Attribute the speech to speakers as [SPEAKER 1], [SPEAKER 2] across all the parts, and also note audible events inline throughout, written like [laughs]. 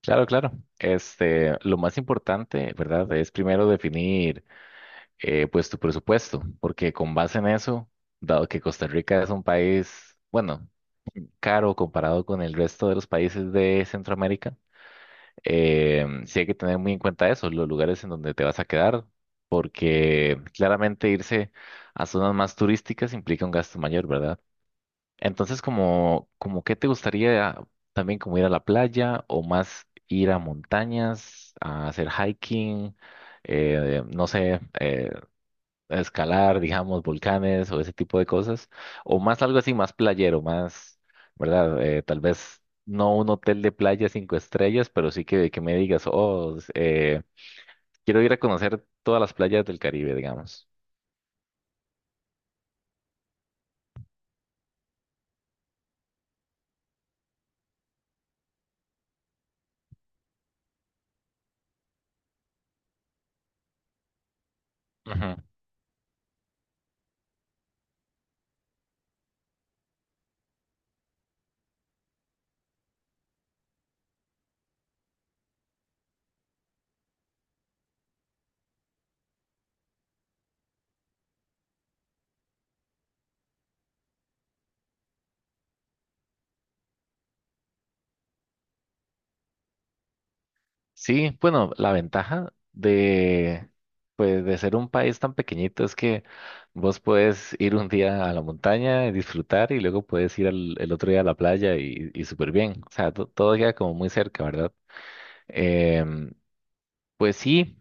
[SPEAKER 1] Claro, claro. Este, lo más importante, ¿verdad? Es primero definir, pues, tu presupuesto, porque con base en eso, dado que Costa Rica es un país, bueno, caro comparado con el resto de los países de Centroamérica, sí hay que tener muy en cuenta eso, los lugares en donde te vas a quedar, porque claramente irse a zonas más turísticas implica un gasto mayor, ¿verdad? Entonces, como qué te gustaría también como ir a la playa o más ir a montañas, a hacer hiking, no sé, escalar, digamos, volcanes o ese tipo de cosas, o más algo así, más playero, más, ¿verdad? Tal vez no un hotel de playa cinco estrellas, pero sí que me digas, oh, quiero ir a conocer todas las playas del Caribe, digamos. Sí, bueno, la ventaja pues, de ser un país tan pequeñito es que vos puedes ir un día a la montaña y disfrutar y luego puedes ir el otro día a la playa y súper bien. O sea, todo queda como muy cerca, ¿verdad? Em, pues sí,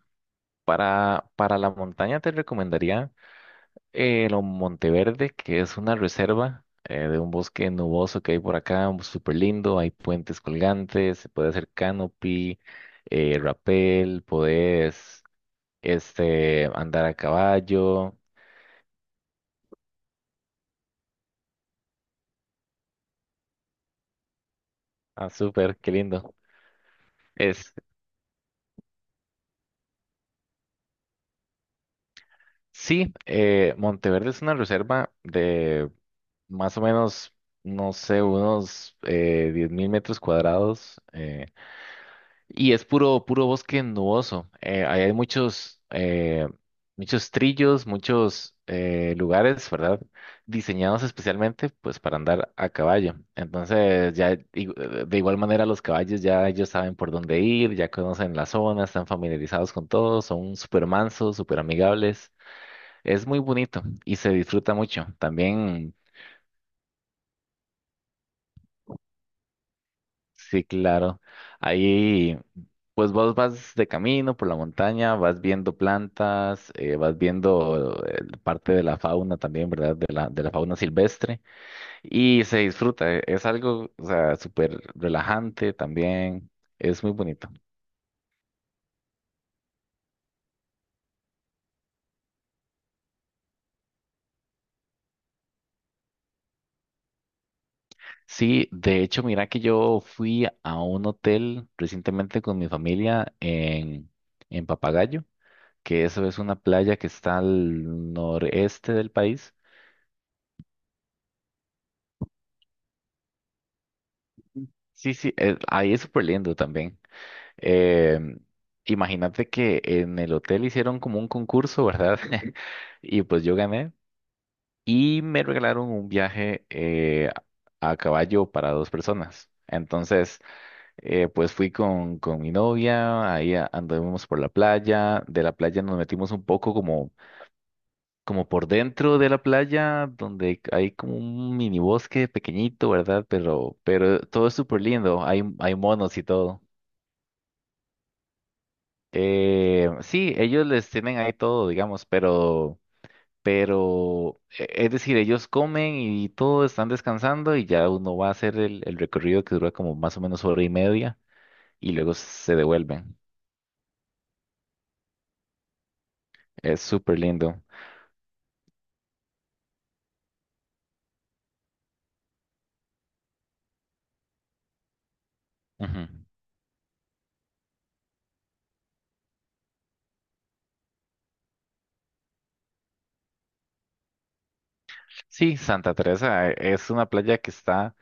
[SPEAKER 1] para la montaña te recomendaría. Lo Monteverde, que es una reserva de un bosque nuboso que hay por acá, súper lindo, hay puentes colgantes, se puede hacer canopy, rappel, podés este, andar a caballo, ah, súper, qué lindo. Es, sí, Monteverde es una reserva de más o no sé, unos 10.000 metros cuadrados, y es puro, puro bosque nuboso. Ahí hay muchos, muchos trillos, muchos lugares, ¿verdad? Diseñados especialmente, pues, para andar a caballo. Entonces, de igual manera los caballos ya ellos saben por dónde ir, ya conocen la zona, están familiarizados con todo, son súper mansos, súper amigables. Es muy bonito y se disfruta mucho. También sí, claro. Ahí, pues vos vas de camino por la montaña, vas viendo plantas, vas viendo parte de la fauna también, ¿verdad? De la fauna silvestre y se disfruta. Es algo, o sea, súper relajante también. Es muy bonito. Sí, de hecho, mira que yo fui a un hotel recientemente con mi familia en Papagayo, que eso es una playa que está al noreste del país. Sí, sí, ahí es súper lindo también. Em, imagínate que en el hotel hicieron como un concurso, ¿verdad? [laughs] Y pues yo gané y me regalaron un viaje a caballo para dos personas. Entonces, pues fui con mi novia, ahí anduvimos por la playa, de la playa nos metimos un poco como, como por dentro de la playa, donde hay como un mini bosque pequeñito, ¿verdad? Pero todo es súper lindo, hay monos y todo. Sí, ellos les tienen ahí todo, digamos, pero, es decir, ellos comen y todo, están descansando y ya uno va a hacer el recorrido que dura como más o menos hora y media y luego se devuelven. Es súper lindo. Ujú. Sí, Santa Teresa es una playa que está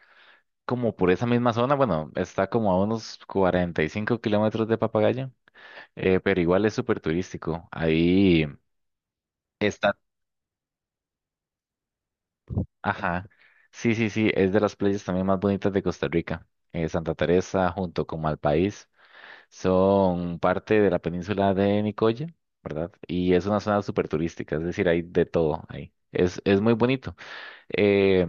[SPEAKER 1] como por esa misma zona, bueno, está como a unos 45 kilómetros de Papagayo, pero igual es súper turístico. Ahí. Está. Ajá. Sí, sí, sí, es de las playas también más bonitas de Costa Rica. Santa Teresa junto con Malpaís son parte de la península de Nicoya, ¿verdad? Y es una zona súper turística, es decir, hay de todo ahí. Es muy bonito. Eh,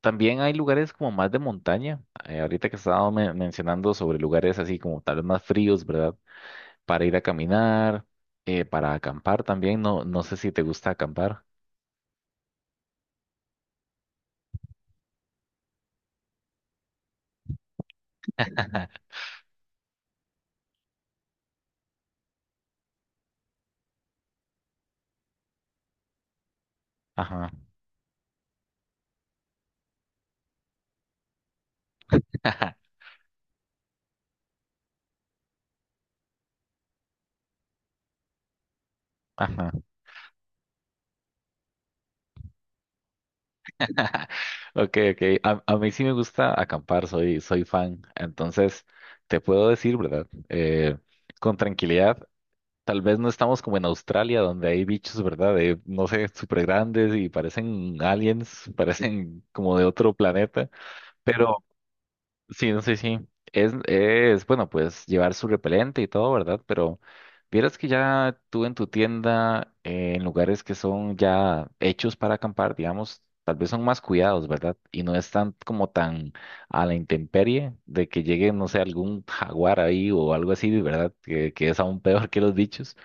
[SPEAKER 1] también hay lugares como más de montaña. Ahorita que estaba mencionando sobre lugares así como tal vez más fríos, ¿verdad? Para ir a caminar, para acampar también. No, no sé si te gusta acampar. [laughs] Ajá. [laughs] Ajá. Ok, ok. A mí sí me gusta acampar, soy, soy fan. Entonces, te puedo decir, ¿verdad? Con tranquilidad, tal vez no estamos como en Australia, donde hay bichos, ¿verdad? De, no sé, súper grandes y parecen aliens, [laughs] parecen como de otro planeta. Sí, no sé, sí. Es, bueno, pues llevar su repelente y todo, ¿verdad? Pero vieras que ya tú en tu tienda, en lugares que son ya hechos para acampar, digamos, tal vez son más cuidados, ¿verdad? Y no están como tan a la intemperie de que llegue, no sé, algún jaguar ahí o algo así, ¿verdad? Que es aún peor que los bichos.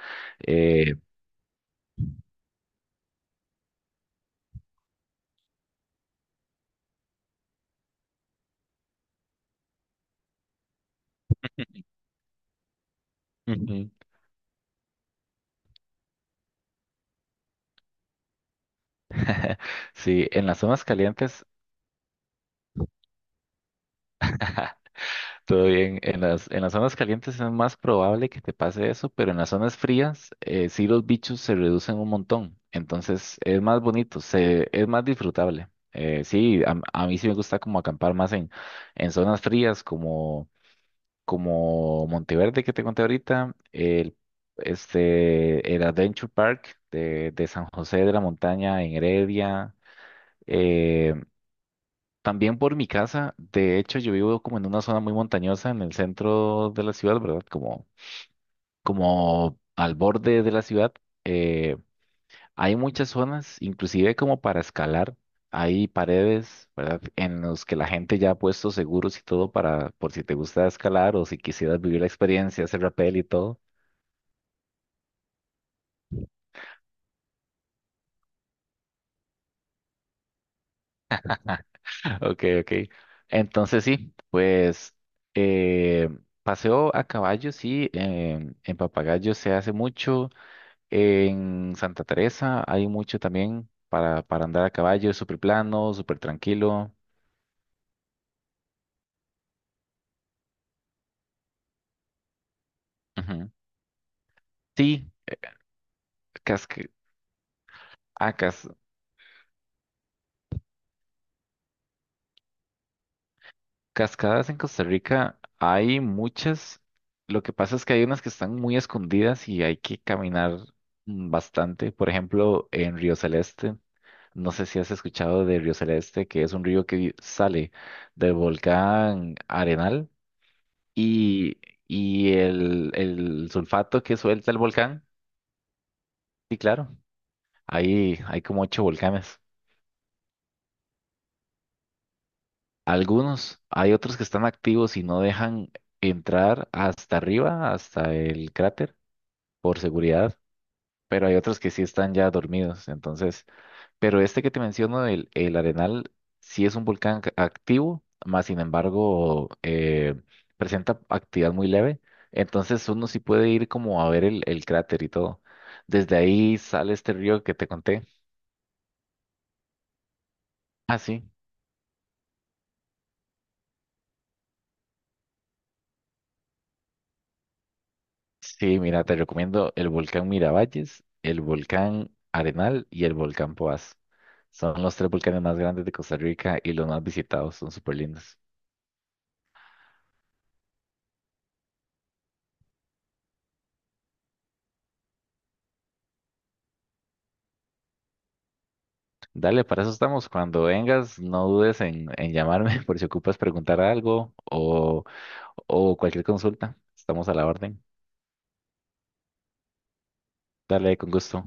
[SPEAKER 1] Eh, Ujú. [laughs] Sí, en las zonas calientes. Todo bien. En las zonas calientes es más probable que te pase eso, pero en las zonas frías sí los bichos se reducen un montón. Entonces es más bonito, se, es más disfrutable. Sí, a mí sí me gusta como acampar más en zonas frías como, como Monteverde que te conté ahorita, el, este, el Adventure Park de San José de la Montaña en Heredia. eh, También por mi casa, de hecho yo vivo como en una zona muy montañosa en el centro de la ciudad, ¿verdad? Como, como al borde de la ciudad. eh, Hay muchas zonas, inclusive como para escalar, hay paredes, ¿verdad? En los que la gente ya ha puesto seguros y todo para, por si te gusta escalar o si quisieras vivir la experiencia, hacer rappel y todo. [laughs] Ok, ok. Entonces sí, pues eh, paseo a caballo, sí, em, en Papagayo se hace mucho. En Santa Teresa hay mucho también para andar a caballo, es súper plano, súper tranquilo. Ujú. Sí, casca- ah, cas- cascadas en Costa Rica hay muchas. Lo que pasa es que hay unas que están muy escondidas y hay que caminar bastante. Por ejemplo, en Río Celeste, no sé si has escuchado de Río Celeste, que es un río que sale del volcán Arenal y, y el sulfato que suelta el volcán. Sí, claro. Ahí hay como ocho volcanes. Algunos, hay otros que están activos y no dejan entrar hasta arriba, hasta el cráter, por seguridad, pero hay otros que sí están ya dormidos. Entonces, pero este que te menciono, el Arenal, sí es un volcán activo, más sin embargo, presenta actividad muy leve. Entonces uno sí puede ir como a ver el cráter y todo. Desde ahí sale este río que te conté. Ah, sí. Sí, mira, te recomiendo el volcán Miravalles, el volcán Arenal y el volcán Poás. Son los tres volcanes más grandes de Costa Rica y los más visitados, son súper lindos. Dale, para eso estamos. Cuando vengas, no dudes en llamarme [laughs] por si ocupas preguntar algo o cualquier consulta. Estamos a la orden. Dale, con gusto.